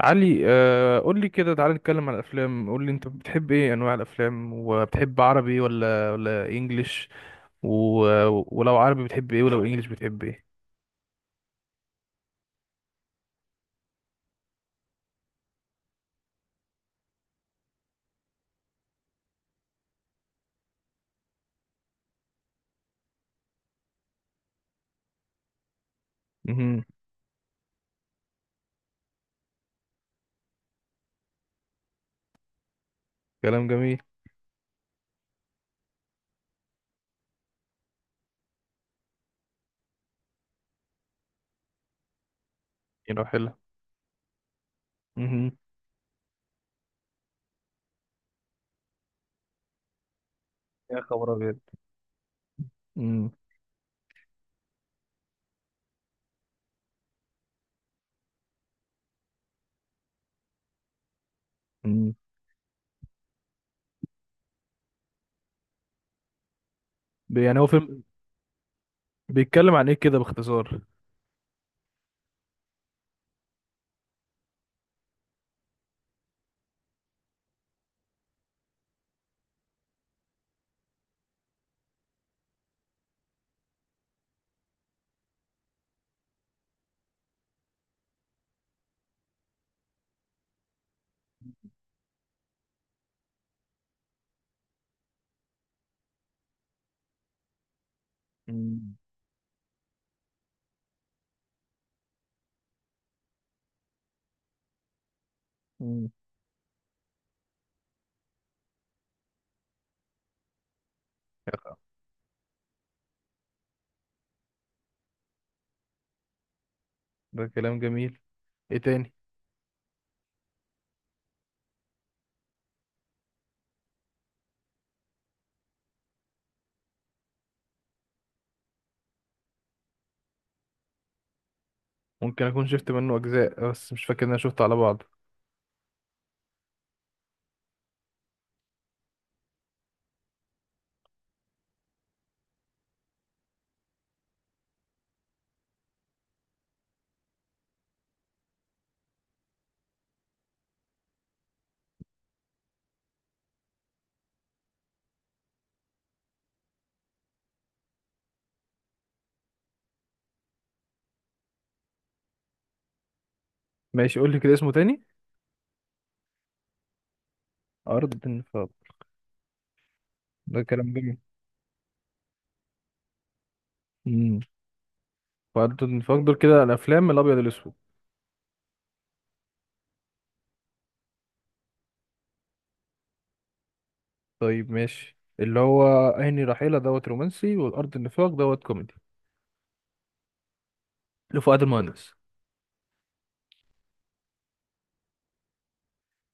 علي، قول لي كده، تعالى نتكلم عن الافلام. قول لي انت بتحب ايه انواع الافلام؟ وبتحب عربي ولا انجليش و... ولو عربي بتحب ايه؟ ولو انجليش بتحب ايه؟ امم. كلام جميل. يلا حلو. امم. يا خبر ابيض. امم. أمم. يعني هو فيلم بيتكلم عن ايه كده باختصار؟ امم. أمم. ده كلام جميل. ايه تاني؟ ممكن اكون شفت منه اجزاء بس مش فاكر ان انا شفته على بعض. ماشي، قول لي كده اسمه تاني. ارض النفاق. ده كلام جميل. مم. فانتوا نفضل كده الافلام الابيض الاسود؟ طيب ماشي، اللي هو عيني رحيلة دوت رومانسي والارض النفاق دوت كوميدي لفؤاد المهندس.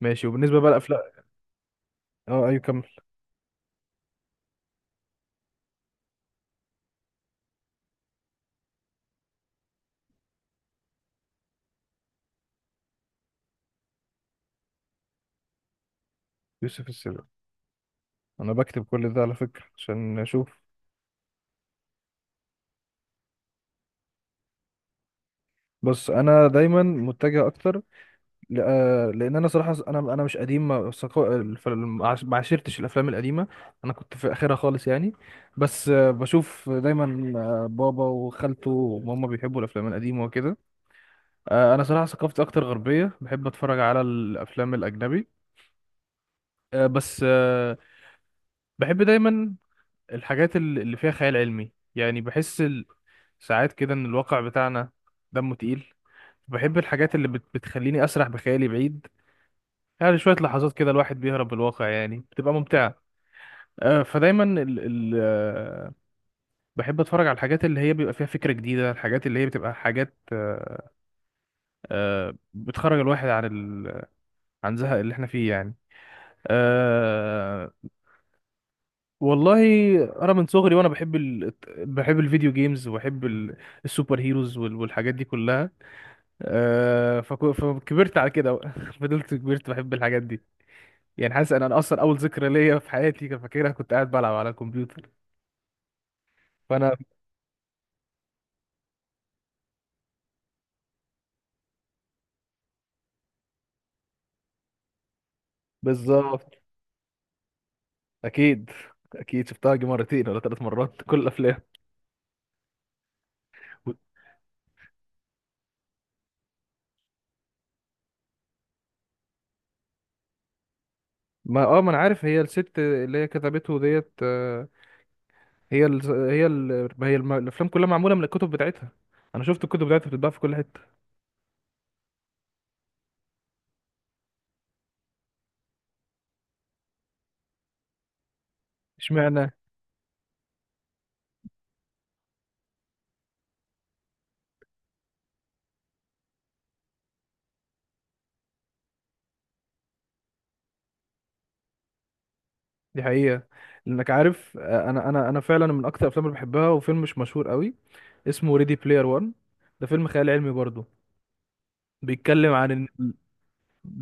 ماشي، وبالنسبه بقى الافلام، اه ايوه كمل. يوسف السيد. انا بكتب كل ده على فكره عشان اشوف. بص انا دايما متجه اكتر لان انا صراحه انا مش قديم، ما ثقا- الف- ما عشرتش الافلام القديمه. انا كنت في اخرها خالص يعني. بس بشوف دايما بابا وخالته وماما بيحبوا الافلام القديمه وكده. انا صراحه ثقافتي اكتر غربيه، بحب اتفرج على الافلام الاجنبي. آه، بس آه، بحب دايما الحاجات اللي فيها خيال علمي. يعني بحس ساعات كده ان الواقع بتاعنا دمه تقيل. بحب الحاجات اللي بتخليني اسرح بخيالي بعيد. يعني شويه لحظات كده الواحد بيهرب بالواقع، يعني بتبقى ممتعه. آه، فدايما ال ال آه، بحب اتفرج على الحاجات اللي هي بيبقى فيها فكره جديده، الحاجات اللي هي بتبقى حاجات بتخرج الواحد عن عن زهق اللي احنا فيه يعني. أه. والله انا من صغري وانا بحب الفيديو جيمز السوبر هيروز والحاجات دي كلها. أه فكبرت على كده بقى. فضلت كبرت بحب الحاجات دي. يعني حاسس ان انا اصلا اول ذكرى ليا في حياتي كان فاكرها كنت قاعد بلعب على الكمبيوتر. فانا بالظبط. اكيد، اكيد شفتها يجي مرتين ولا ثلاث مرات. كل الافلام. ما اه ما انا عارف، هي الست اللي هي كتبته ديت آه، هي ال... هي ال... هي الم... الافلام كلها معموله من الكتب بتاعتها. انا شفت الكتب بتاعتها بتتباع في كل حته. اشمعنى؟ دي حقيقه. لانك عارف آه، انا فعلا من اكتر الافلام اللي بحبها، وفيلم مش مشهور قوي اسمه ريدي بلاير 1. ده فيلم خيال علمي برضه. بيتكلم عن ال...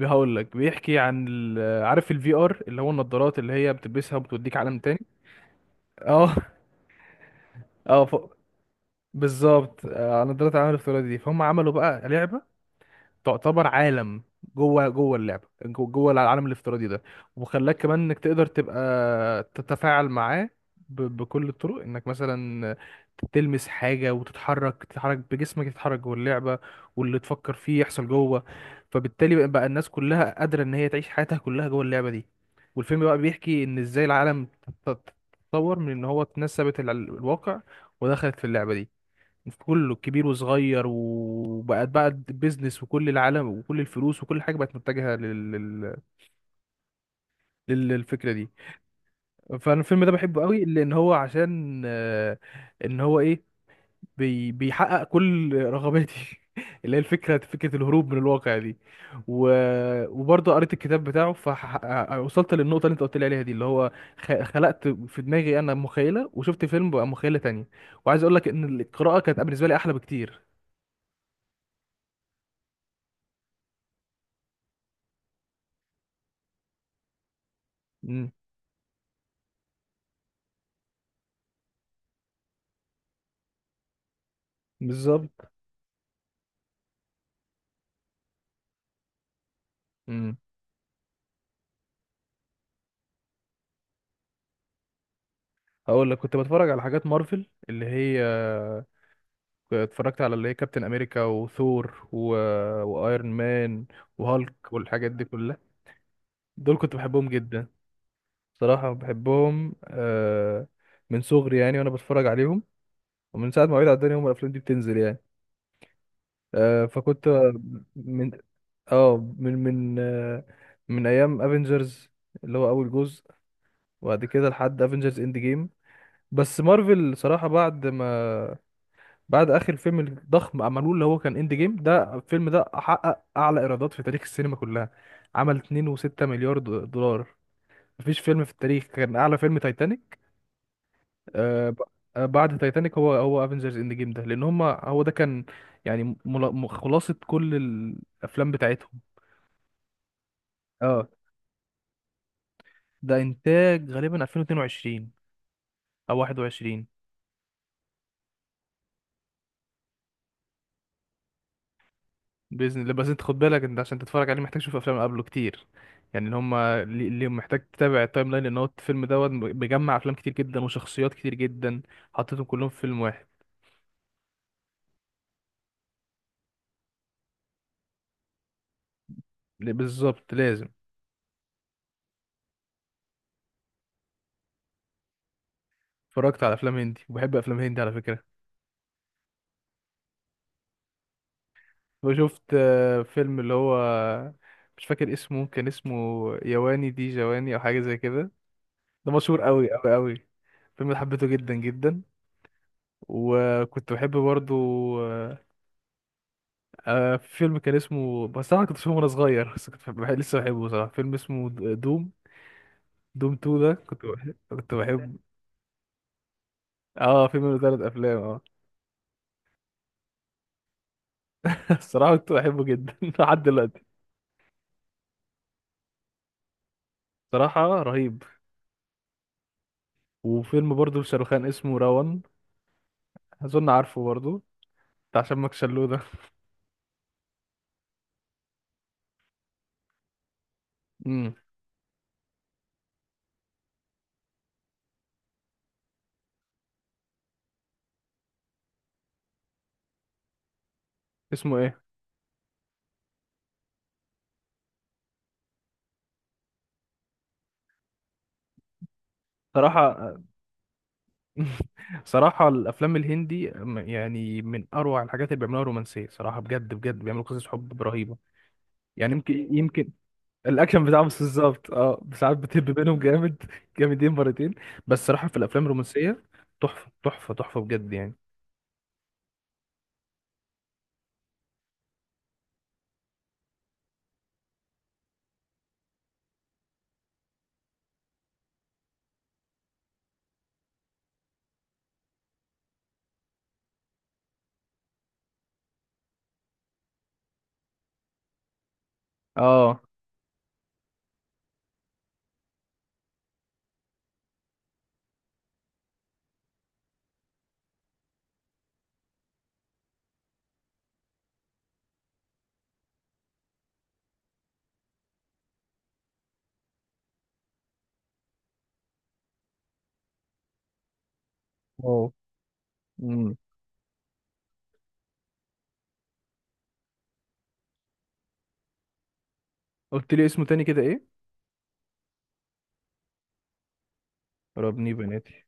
هقول لك بيحكي عن عارف الفي ار اللي هو النضارات اللي هي بتلبسها وبتوديك عالم تاني. اه. اه ف... بالظبط. نضارات العالم الافتراضي دي، فهم عملوا بقى لعبه تعتبر عالم. جوه العالم الافتراضي ده، وخلاك كمان انك تقدر تبقى تتفاعل معاه بكل الطرق. انك مثلا تلمس حاجه وتتحرك، تتحرك بجسمك، تتحرك جوه اللعبه، واللي تفكر فيه يحصل جوه. فبالتالي بقى الناس كلها قادره ان هي تعيش حياتها كلها جوه اللعبه دي. والفيلم بقى بيحكي ان ازاي العالم ت- ت- تطور من ان هو تنسبت الواقع ودخلت في اللعبه دي، في كله كبير وصغير، وبقت بقى بيزنس، وكل العالم وكل الفلوس وكل حاجه بقت متجهه للفكره دي. فانا الفيلم ده بحبه قوي لان هو عشان ان هو ايه، بيحقق كل رغباتي اللي هي فكره الهروب من الواقع دي. و... وبرضه قريت الكتاب بتاعه، فوصلت للنقطه اللي انت قلت لي عليها دي، اللي هو خلقت في دماغي انا مخيله، وشفت فيلم بقى مخيله تانية. وعايز اقول لك ان القراءه كانت بالنسبه لي احلى بكتير. مم. بالظبط. امم. هقول لك كنت بتفرج على حاجات مارفل اللي هي اتفرجت على اللي هي كابتن امريكا وثور وايرون مان وهالك والحاجات دي كلها. دول كنت بحبهم جدا. صراحة بحبهم من صغري يعني وانا بتفرج عليهم، ومن ساعة ما وعيت على الدنيا هم الافلام دي بتنزل يعني. آه، فكنت آه، من اه من من آه، من ايام افنجرز اللي هو اول جزء، وبعد كده لحد افنجرز اند جيم. بس مارفل صراحة بعد ما بعد اخر فيلم الضخم عملوه اللي هو كان اند جيم، ده الفيلم ده حقق اعلى ايرادات في تاريخ السينما كلها، عمل 2.6 مليار دولار. مفيش فيلم في التاريخ كان اعلى، فيلم تايتانيك. آه ب- بعد تايتانيك هو افنجرز اند جيم ده، لان هم هو ده كان يعني خلاصة كل الافلام بتاعتهم. اه ده انتاج غالبا 2022 او 21. باذن الله. بس انت خد بالك، انت عشان تتفرج عليه محتاج تشوف افلام قبله كتير. يعني اللي هم اللي محتاج تتابع التايم لاين، لان هو الفيلم دوت بيجمع افلام كتير جدا وشخصيات كتير جدا حطيتهم كلهم في فيلم واحد. بالظبط لازم. اتفرجت على افلام هندي، وبحب افلام هندي على فكره. وشفت فيلم اللي هو مش فاكر اسمه، كان اسمه يواني دي جواني او حاجه زي كده. ده مشهور قوي قوي قوي. الفيلم ده حبيته جدا جدا. وكنت بحب برضو آه، في فيلم كان اسمه، بس انا كنت بشوفه وانا صغير، بس لسه بحبه صراحه، فيلم اسمه دوم. دوم 2 ده كنت بحب. اه فيلم منه ثلاث افلام، اه. الصراحه كنت بحبه جدا لحد دلوقتي. صراحه رهيب. وفيلم برضه لشاروخان اسمه راون. اظن عارفه برضه، بتاع شمك شلو ده. امم. اسمه ايه؟ صراحه. صراحه الافلام الهندي يعني من اروع الحاجات اللي بيعملوها رومانسيه، صراحه بجد بجد بيعملوا قصص حب رهيبه. يعني يمكن الاكشن بتاعه مش بالظبط، اه ساعات بتهب بينهم جامد. جامدين مرتين. بس صراحه في الافلام الرومانسيه تحفه تحفه بجد يعني. اه. واو. امم. قلت لي اسمه تاني كده ايه؟ ربني بناتي.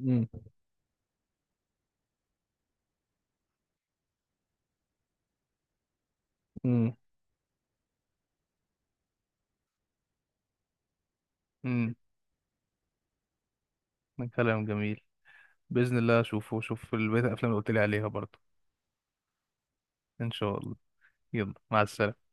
امم. امم. امم. كلام جميل. باذن الله اشوفه واشوف البيت الافلام اللي قلت لي عليها برضه. ان شاء الله. يلا مع السلامه.